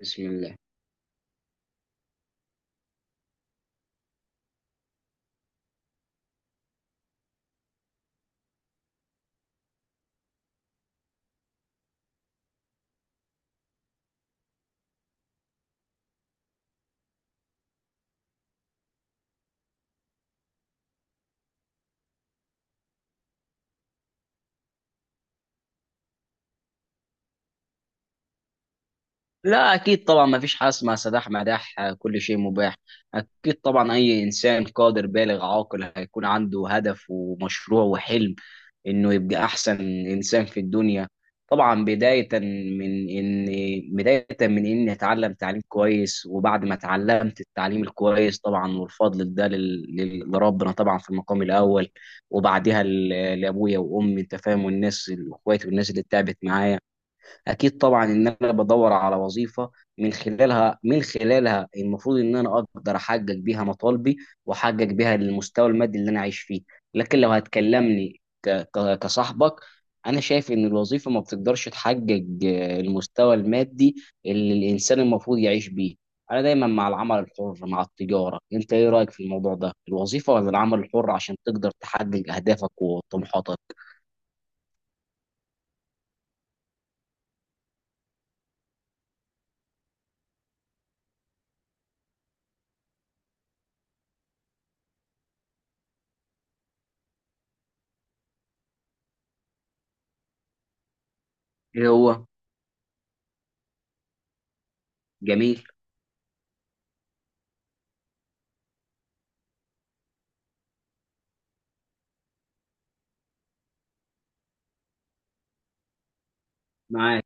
بسم الله. لا، أكيد طبعا، ما فيش حاجة اسمها سداح مداح، كل شيء مباح. أكيد طبعا أي إنسان قادر بالغ عاقل هيكون عنده هدف ومشروع وحلم إنه يبقى أحسن إنسان في الدنيا. طبعا بداية من إني أتعلم تعليم كويس، وبعد ما اتعلمت التعليم الكويس طبعا، والفضل ده لربنا طبعا في المقام الأول، وبعدها لأبويا وأمي، أنت فاهم، والناس إخواتي والناس اللي تعبت معايا. اكيد طبعا ان انا بدور على وظيفه من خلالها المفروض ان انا اقدر احقق بيها مطالبي واحقق بيها المستوى المادي اللي انا عايش فيه. لكن لو هتكلمني كصاحبك، انا شايف ان الوظيفه ما بتقدرش تحقق المستوى المادي اللي الانسان المفروض يعيش بيه. انا دايما مع العمل الحر، مع التجاره. انت ايه رايك في الموضوع ده؟ الوظيفه ولا العمل الحر عشان تقدر تحقق اهدافك وطموحاتك؟ ايه هو؟ جميل. معاك.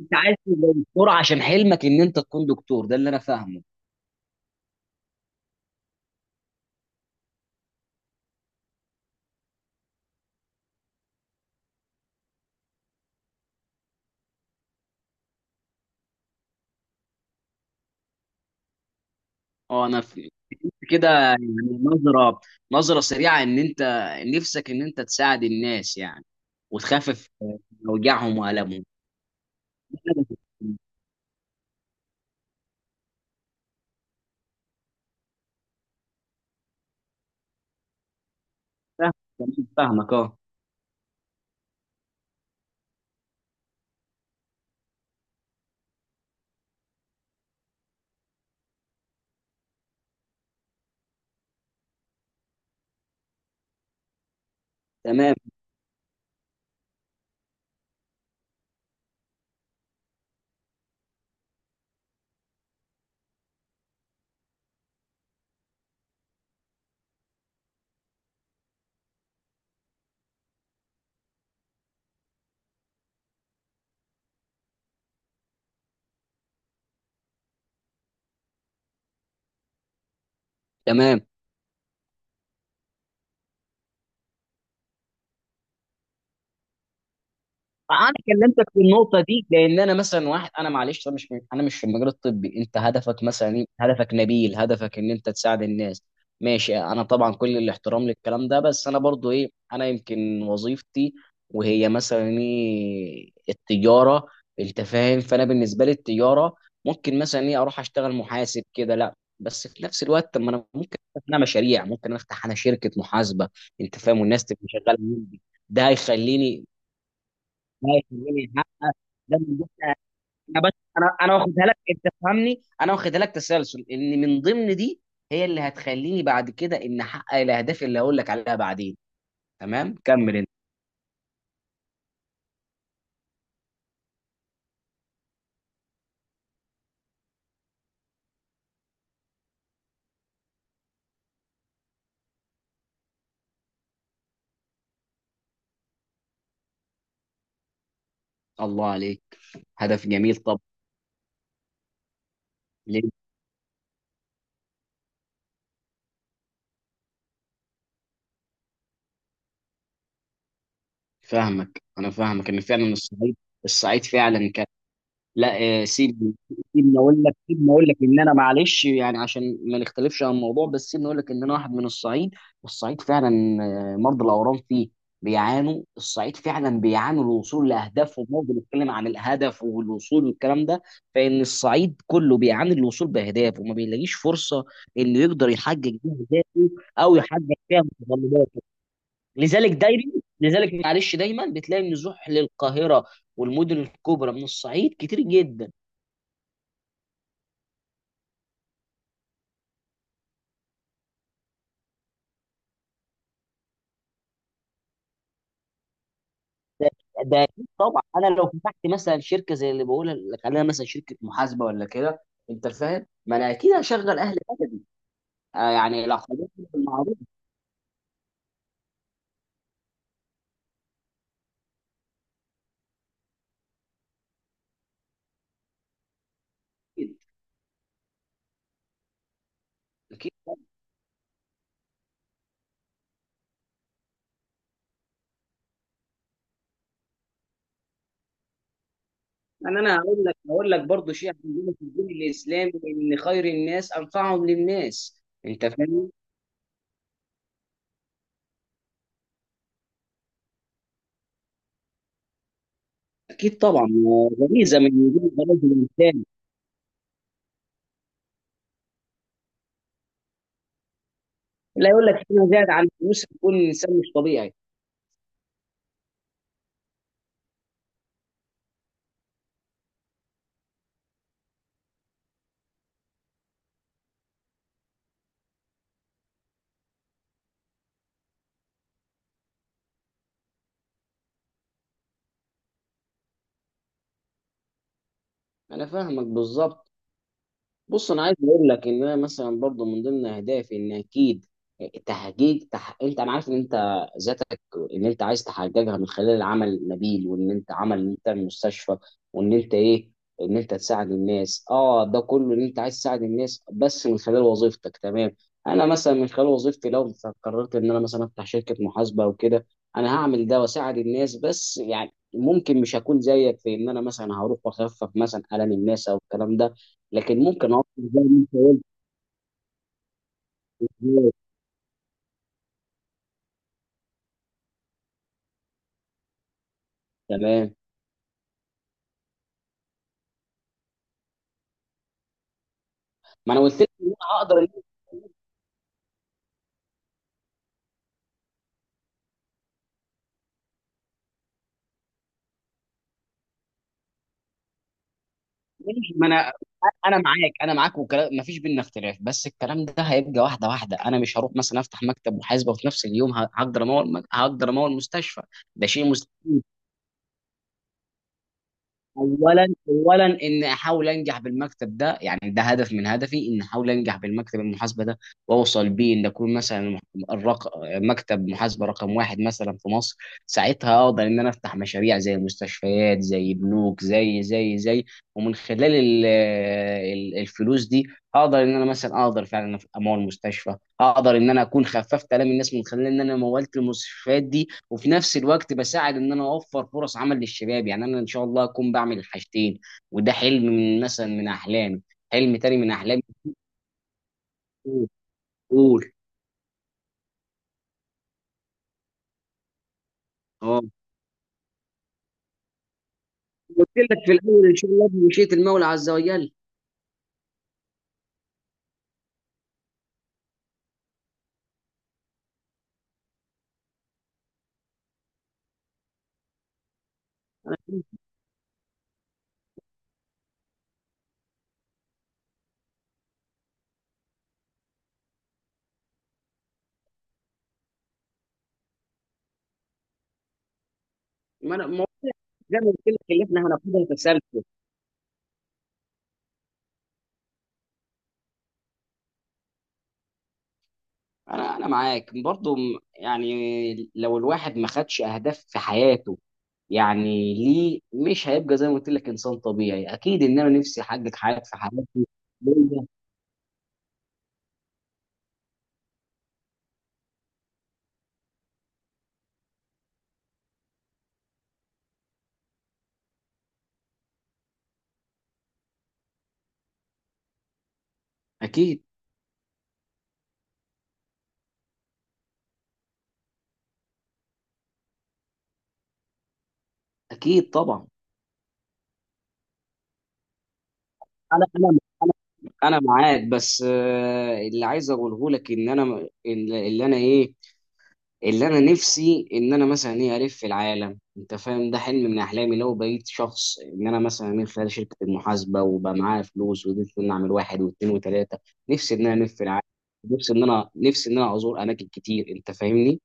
انت عايز تبقى دكتور عشان حلمك ان انت تكون دكتور، ده اللي انا فاهمه. اه. كده يعني، نظره نظره سريعه ان انت نفسك ان انت تساعد الناس يعني، وتخفف اوجاعهم والامهم. أنا فاهم- فاهمك، اه. تمام. تمام. انا كلمتك في النقطه دي، لان انا مثلا واحد، انا معلش، انا مش في المجال الطبي. انت هدفك مثلا إيه؟ هدفك نبيل، هدفك ان انت تساعد الناس. ماشي، انا طبعا كل الاحترام للكلام ده، بس انا برضو ايه، انا يمكن وظيفتي وهي مثلا ايه، التجاره. انت فاهم؟ فانا بالنسبه لي التجاره ممكن مثلا ايه، اروح اشتغل محاسب كده؟ لا. بس في نفس الوقت، طب ما انا ممكن افتح انا مشاريع، ممكن افتح انا شركه محاسبه، انت فاهم، والناس تبقى شغاله عندي. ده هيخليني لا، يخليني حقك، ده من ضمن. انا بس انا انا واخدها لك، انت فاهمني، انا واخدها لك تسلسل ان من ضمن دي هي اللي هتخليني بعد كده ان احقق الاهداف اللي هقول لك عليها بعدين. تمام، كمل انت. الله عليك، هدف جميل. طب ليه؟ انا فاهمك ان فعلا الصعيد الصعيد فعلا. لا، سيبني، سيبني اقول لك ان انا معلش يعني عشان ما نختلفش عن الموضوع، بس سيبني اقول لك ان انا واحد من الصعيد، والصعيد فعلا مرضى الاورام فيه بيعانوا. الصعيد فعلا بيعانوا الوصول لاهدافهم، برضه بنتكلم عن الهدف والوصول والكلام ده. فان الصعيد كله بيعاني الوصول باهدافه وما بيلاقيش فرصه انه يقدر يحقق بيها اهدافه او يحقق فيها متطلباته. لذلك دايما لذلك معلش دايما بتلاقي النزوح للقاهره والمدن الكبرى من الصعيد كتير جدا. ده ده أكيد طبعا. انا لو فتحت مثلا شركه زي اللي بقول، خلينا مثلا شركه محاسبه ولا كده، انت فاهم، ما انا اكيد هشغل اهل بلدي. يعني لو حضرتك المعروف. اكيد، اكيد، يعني انا هقول لك، برضه شيء عندنا في الدين الاسلامي ان خير الناس انفعهم للناس، انت فاهم. اكيد طبعا غريزه من وجود غريزه الانسان. لا، يقول لك انا زاد عن فلوس؟ يكون الانسان مش طبيعي. انا فاهمك بالظبط. بص، انا عايز اقول لك ان انا مثلا برضو من ضمن اهدافي ان اكيد تحقيق انت، انا عارف ان انت ذاتك ان انت عايز تحققها من خلال عمل نبيل، وان انت عمل، ان انت تعمل مستشفى، وان انت ايه، ان انت تساعد الناس. اه، ده كله ان انت عايز تساعد الناس، بس من خلال وظيفتك. تمام. انا مثلا من خلال وظيفتي، لو قررت ان انا مثلا افتح شركة محاسبة او كده، انا هعمل ده واساعد الناس، بس يعني ممكن مش هكون زيك في ان انا مثلا هروح واخفف مثلا الم الناس او الكلام ده. لكن ممكن اقصد زي ما انت قلت كده. تمام. ما انا قلت لك ان انا هقدر ان أنا أمشي. ما انا انا معاك، انا معاك وكلام ما فيش بينا اختلاف. بس الكلام ده هيبقى واحده واحده، انا مش هروح مثلا افتح مكتب محاسبه وفي نفس اليوم هقدر امول، هقدر امول مستشفى. ده شيء مستحيل. اولا ان احاول انجح بالمكتب ده، يعني ده هدف من هدفي ان احاول انجح بالمكتب المحاسبه ده، واوصل بيه ان اكون مثلا مكتب محاسبه رقم واحد مثلا في مصر. ساعتها اقدر ان انا افتح مشاريع زي مستشفيات، زي بنوك، زي. ومن خلال الفلوس دي اقدر ان انا مثلا اقدر فعلا امول مستشفى، اقدر ان انا اكون خففت الام الناس من خلال ان انا مولت المستشفيات دي، وفي نفس الوقت بساعد ان انا اوفر فرص عمل للشباب. يعني انا ان شاء الله اكون بعمل الحاجتين، وده حلم من مثلا من احلامي. حلم تاني من احلامي. قول. اه. قلت لك في الاول ان شاء الله بمشيئه المولى عز وجل. انا ما انا ما- زي ما قلت لك اللي احنا هناخدها تسلسل. انا معاك برضو يعني لو الواحد ما خدش اهداف في حياته، يعني ليه، مش هيبقى زي ما قلت لك انسان طبيعي. اكيد ان انا نفسي احقق حاجات في حياتي ليا. اكيد، اكيد طبعا. انا انا انا معاك، بس اللي عايز اقوله لك ان انا اللي اللي انا ايه اللي انا نفسي ان انا مثلا ايه، الف في العالم، انت فاهم. ده حلم من احلامي لو بقيت شخص ان انا مثلا من خلال شركه المحاسبه وبقى معايا فلوس وقدرت ان أنا اعمل واحد واثنين وثلاثه، نفسي ان انا الف في العالم، نفسي ان انا ازور اماكن كتير، انت فاهمني.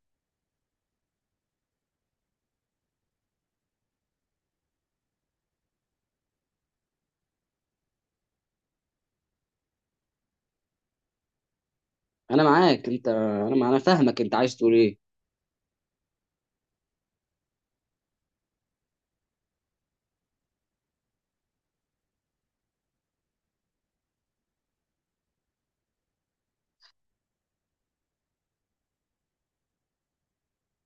انا معاك، انت انا انا فاهمك. انت عايز تقول ايه؟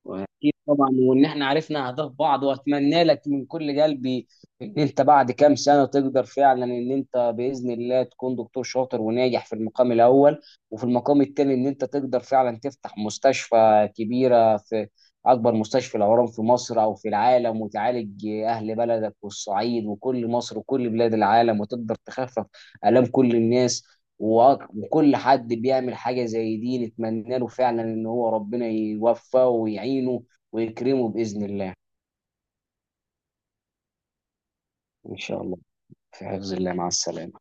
واكيد طبعا، وان احنا عرفنا اهداف بعض، واتمنى لك من كل قلبي ان انت بعد كام سنه تقدر فعلا ان انت باذن الله تكون دكتور شاطر وناجح في المقام الاول، وفي المقام الثاني ان انت تقدر فعلا تفتح مستشفى كبيره في اكبر مستشفى الاورام في مصر او في العالم، وتعالج اهل بلدك والصعيد وكل مصر وكل بلاد العالم، وتقدر تخفف الام كل الناس. و- كل حد بيعمل حاجة زي دي نتمنى له فعلا ان هو ربنا يوفقه ويعينه ويكرمه بإذن الله. ان شاء الله. في حفظ الله، مع السلامة.